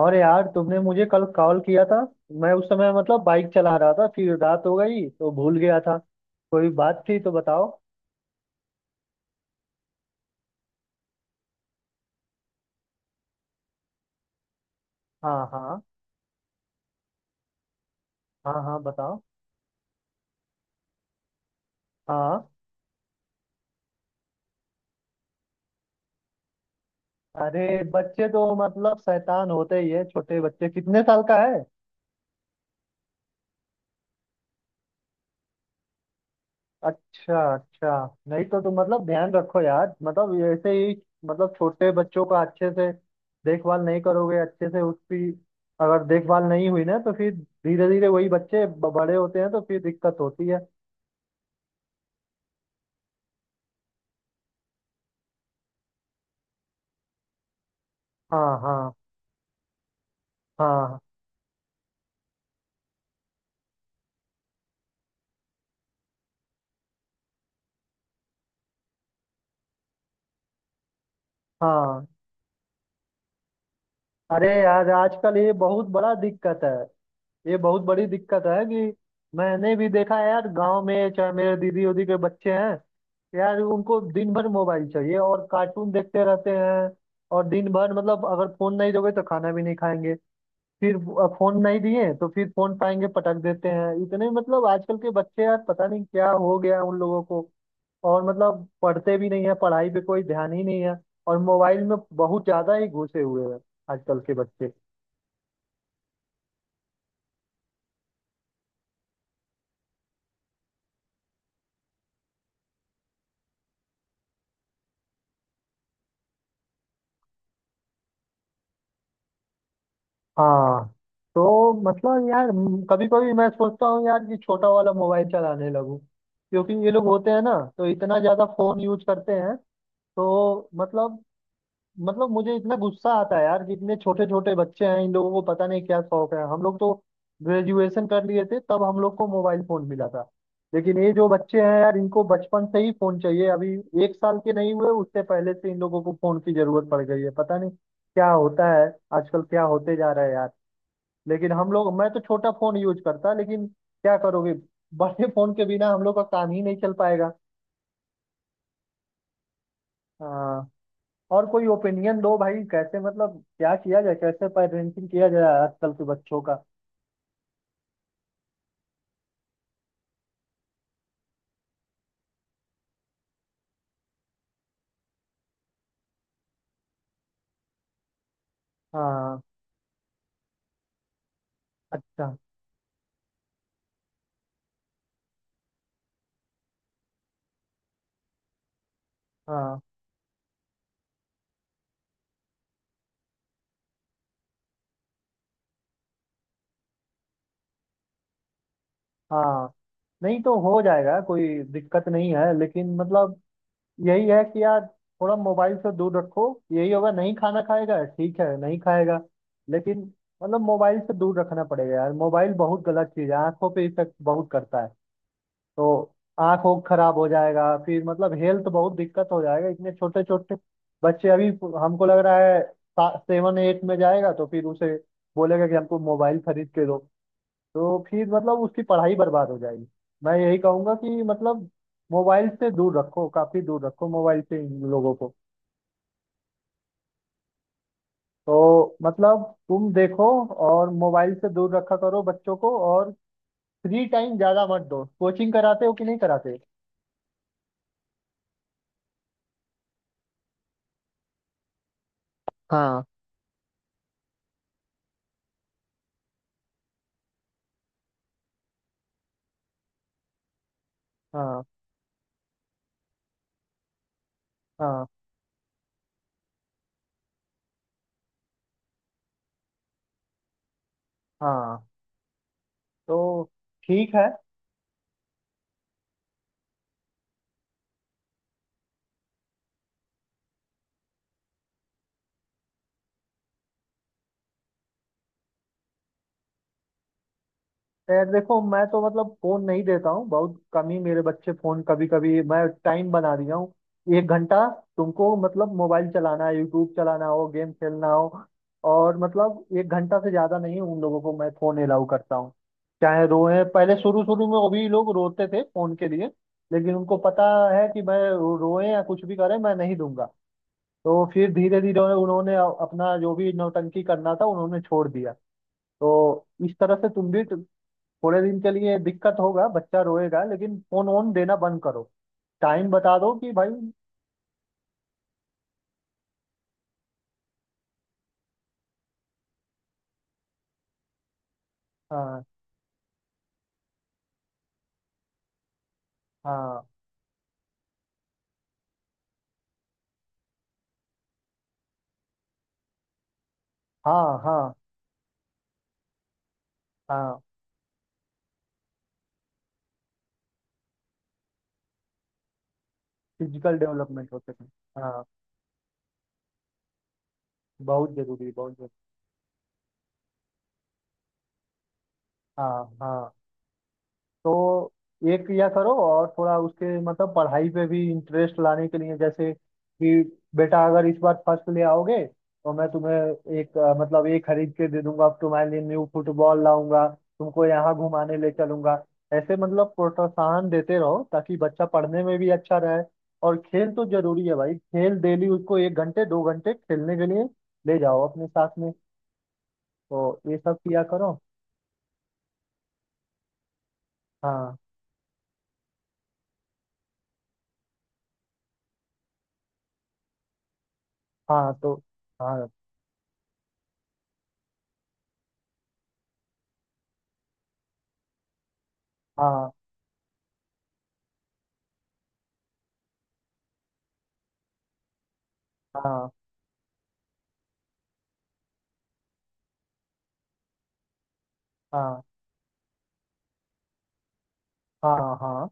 और यार, तुमने मुझे कल कॉल किया था। मैं उस समय बाइक चला रहा था, फिर रात हो गई तो भूल गया था। कोई बात थी तो बताओ। हाँ, हाँ। हाँ, हाँ बताओ। हाँ। अरे बच्चे तो शैतान होते ही है। छोटे बच्चे, कितने साल का है? अच्छा अच्छा। नहीं तो तुम ध्यान रखो यार, ऐसे ही। छोटे बच्चों का अच्छे से देखभाल नहीं करोगे, अच्छे से उसकी अगर देखभाल नहीं हुई ना, तो फिर धीरे धीरे वही बच्चे बड़े होते हैं तो फिर दिक्कत होती है। हाँ, हाँ। हाँ, हाँ। अरे यार, आजकल ये बहुत बड़ा दिक्कत है। ये बहुत बड़ी दिक्कत है कि मैंने भी देखा है यार, गांव में चाहे मेरे दीदी उदी के बच्चे हैं, यार उनको दिन भर मोबाइल चाहिए और कार्टून देखते रहते हैं। और दिन भर, अगर फोन नहीं दोगे तो खाना भी नहीं खाएंगे। फिर फोन नहीं दिए तो फिर फोन पाएंगे, पटक देते हैं। इतने आजकल के बच्चे यार, पता नहीं क्या हो गया उन लोगों को। और पढ़ते भी नहीं है, पढ़ाई पे कोई ध्यान ही नहीं है। और मोबाइल में बहुत ज्यादा ही घुसे हुए हैं आजकल के बच्चे। हाँ। तो यार, कभी कभी मैं सोचता हूँ यार कि छोटा वाला मोबाइल चलाने लगूं, क्योंकि ये लोग होते हैं ना तो इतना ज्यादा फोन यूज करते हैं। तो मुझे इतना गुस्सा आता है यार कि इतने छोटे छोटे बच्चे हैं, इन लोगों को पता नहीं क्या शौक है। हम लोग तो ग्रेजुएशन कर लिए थे तब हम लोग को मोबाइल फोन मिला था। लेकिन ये जो बच्चे हैं यार, इनको बचपन से ही फोन चाहिए। अभी एक साल के नहीं हुए उससे पहले से इन लोगों को फोन की जरूरत पड़ गई है। पता नहीं क्या होता है आजकल, क्या होते जा रहा है यार। लेकिन हम लोग, मैं तो छोटा फोन यूज करता, लेकिन क्या करोगे, बड़े फोन के बिना हम लोग का काम ही नहीं चल पाएगा। हाँ। और कोई ओपिनियन दो भाई, कैसे क्या किया जाए, कैसे पेरेंटिंग किया जाए आजकल के बच्चों का? हाँ। अच्छा। हाँ, हाँ। नहीं तो हो जाएगा, कोई दिक्कत नहीं है, लेकिन यही है कि यार, थोड़ा मोबाइल से दूर रखो। यही होगा नहीं खाना खाएगा, ठीक है नहीं खाएगा, लेकिन मोबाइल से दूर रखना पड़ेगा यार। मोबाइल बहुत गलत चीज है, आंखों पे इफेक्ट बहुत करता है। तो आँख ओख खराब हो जाएगा, फिर हेल्थ बहुत दिक्कत हो जाएगा। इतने छोटे छोटे बच्चे, अभी हमको लग रहा है सेवन एट में जाएगा तो फिर उसे बोलेगा कि हमको मोबाइल खरीद के दो, तो फिर उसकी पढ़ाई बर्बाद हो जाएगी। मैं यही कहूंगा कि मोबाइल से दूर रखो, काफी दूर रखो मोबाइल से इन लोगों को। तो तुम देखो, और मोबाइल से दूर रखा करो बच्चों को, और फ्री टाइम ज्यादा मत दो। कोचिंग कराते हो कि नहीं कराते? हाँ। हाँ। हाँ। हाँ। तो ठीक है। यार देखो, मैं तो फोन नहीं देता हूँ, बहुत कम ही मेरे बच्चे फोन। कभी कभी मैं टाइम बना दिया हूँ, एक घंटा। तुमको मोबाइल चलाना है, यूट्यूब चलाना हो, गेम खेलना हो, और एक घंटा से ज्यादा नहीं उन लोगों को मैं फोन अलाउ करता हूँ। चाहे रोए, पहले शुरू शुरू में वो भी लोग रोते थे फोन के लिए, लेकिन उनको पता है कि मैं, रोए या कुछ भी करे, मैं नहीं दूंगा। तो फिर धीरे धीरे उन्होंने अपना जो भी नौटंकी करना था उन्होंने छोड़ दिया। तो इस तरह से तुम भी, थोड़े दिन के लिए दिक्कत होगा, बच्चा रोएगा, लेकिन फोन ऑन देना बंद करो। टाइम बता दो कि भाई। हाँ, हाँ। हाँ, हाँ। हाँ, फिजिकल डेवलपमेंट हो सके। हाँ, बहुत जरूरी, बहुत जरूरी। हाँ, हाँ। तो एक या करो, और थोड़ा उसके पढ़ाई पे भी इंटरेस्ट लाने के लिए जैसे कि बेटा, अगर इस बार फर्स्ट ले आओगे तो मैं तुम्हें एक ये खरीद के दे दूंगा, तुम्हारे लिए न्यू फुटबॉल लाऊंगा, तुमको यहाँ घुमाने ले चलूंगा। ऐसे प्रोत्साहन देते रहो, ताकि बच्चा पढ़ने में भी अच्छा रहे। और खेल तो जरूरी है भाई, खेल डेली उसको एक घंटे दो घंटे खेलने के लिए ले जाओ अपने साथ में। तो ये सब किया करो। हाँ, हाँ। तो हाँ, हाँ। हाँ, हाँ। हाँ, हाँ।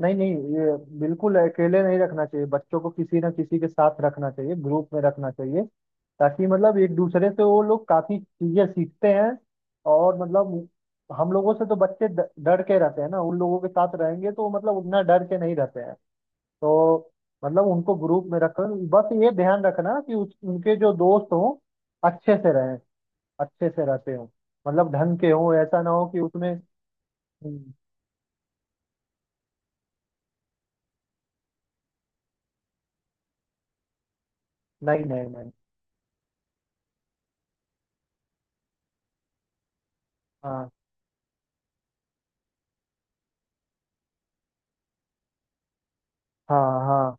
नहीं नहीं, ये बिल्कुल अकेले नहीं रखना चाहिए बच्चों को, किसी ना किसी के साथ रखना चाहिए, ग्रुप में रखना चाहिए, ताकि एक दूसरे से वो लोग काफी चीजें सीखते हैं। और हम लोगों से तो बच्चे डर के रहते हैं ना, उन लोगों के साथ रहेंगे तो उतना डर के नहीं रहते हैं। तो उनको ग्रुप में रख, बस ये ध्यान रखना कि उनके जो दोस्त हों अच्छे से रहें, अच्छे से रहते हों, ढंग के हों, ऐसा ना हो कि उसमें। हम्म। नहीं नहीं नहीं। हाँ, हाँ। हाँ,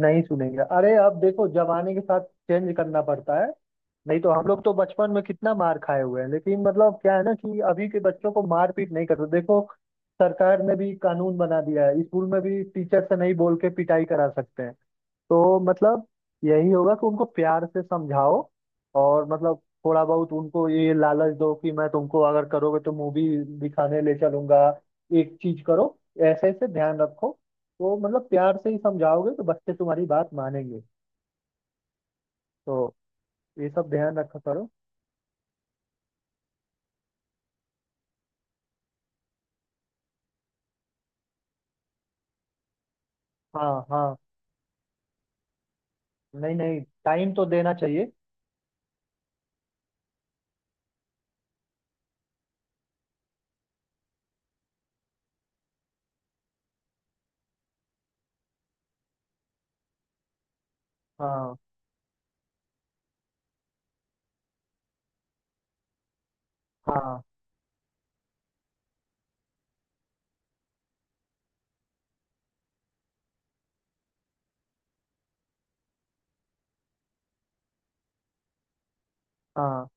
नहीं सुनेंगे। अरे अब देखो, जमाने के साथ चेंज करना पड़ता है। नहीं तो हम लोग तो बचपन में कितना मार खाए हुए हैं, लेकिन क्या है ना कि अभी के बच्चों को मारपीट नहीं करते देखो, सरकार ने भी कानून बना दिया है, स्कूल में भी टीचर से नहीं बोल के पिटाई करा सकते हैं। तो यही होगा कि उनको प्यार से समझाओ, और थोड़ा बहुत उनको ये लालच दो कि मैं तुमको, अगर करोगे तो मूवी दिखाने ले चलूंगा, एक चीज करो, ऐसे ऐसे ध्यान रखो। तो प्यार से ही समझाओगे तो बच्चे तुम्हारी बात मानेंगे। तो ये सब ध्यान रखा करो। हाँ, हाँ। नहीं नहीं, टाइम तो देना चाहिए। हाँ, हाँ, हाँ।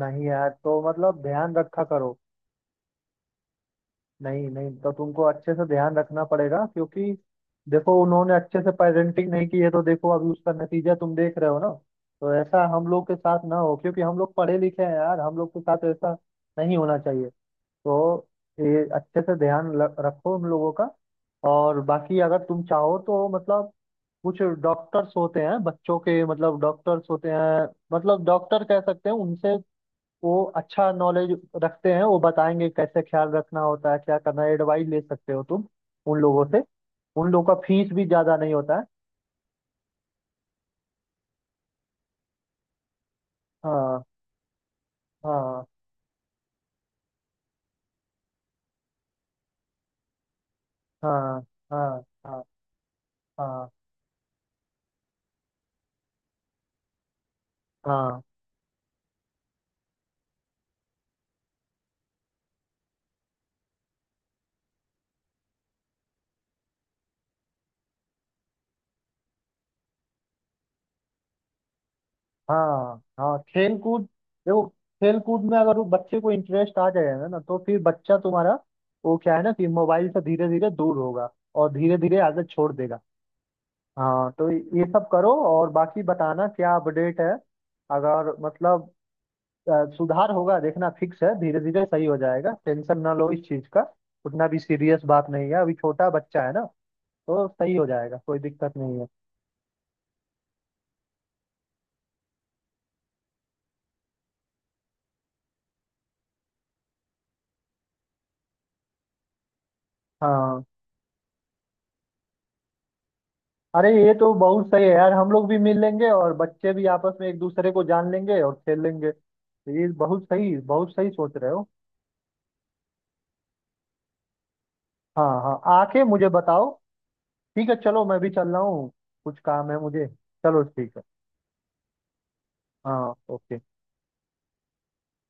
नहीं यार, तो ध्यान रखा करो। नहीं नहीं तो तुमको अच्छे से ध्यान रखना पड़ेगा, क्योंकि देखो उन्होंने अच्छे से पेरेंटिंग नहीं की है, तो देखो अभी उसका नतीजा तुम देख रहे हो ना। तो ऐसा हम लोग के साथ ना हो, क्योंकि हम लोग पढ़े लिखे हैं यार, हम लोग के साथ ऐसा नहीं होना चाहिए। तो ये अच्छे से रखो उन लोगों का। और बाकी अगर तुम चाहो तो कुछ डॉक्टर्स होते हैं बच्चों के, डॉक्टर्स होते हैं, डॉक्टर कह सकते हैं उनसे। वो अच्छा नॉलेज रखते हैं, वो बताएंगे कैसे ख्याल रखना होता है, क्या करना है, एडवाइस ले सकते हो तुम उन लोगों से। उन लोगों का फीस भी ज्यादा नहीं होता है। हाँ, हाँ, हाँ। हाँ, हाँ, हाँ। हाँ, हाँ। हाँ, खेल कूद। देखो, खेल कूद में अगर वो बच्चे को इंटरेस्ट आ जाएगा ना, तो फिर बच्चा तुम्हारा, वो क्या है ना कि मोबाइल से धीरे धीरे दूर होगा, और धीरे धीरे आदत छोड़ देगा। हाँ, तो ये सब करो, और बाकी बताना क्या अपडेट है। अगर सुधार होगा, देखना फिक्स है, धीरे धीरे सही हो जाएगा, टेंशन ना लो इस चीज का। उतना भी सीरियस बात नहीं है, अभी छोटा बच्चा है ना, तो सही हो जाएगा, कोई दिक्कत नहीं है। हाँ। अरे ये तो बहुत सही है यार, हम लोग भी मिल लेंगे और बच्चे भी आपस में एक दूसरे को जान लेंगे और खेल लेंगे, तो ये बहुत सही, बहुत सही सोच रहे हो। हाँ, हाँ आके मुझे बताओ। ठीक है, चलो मैं भी चल रहा हूँ, कुछ काम है मुझे। चलो ठीक है। हाँ ओके।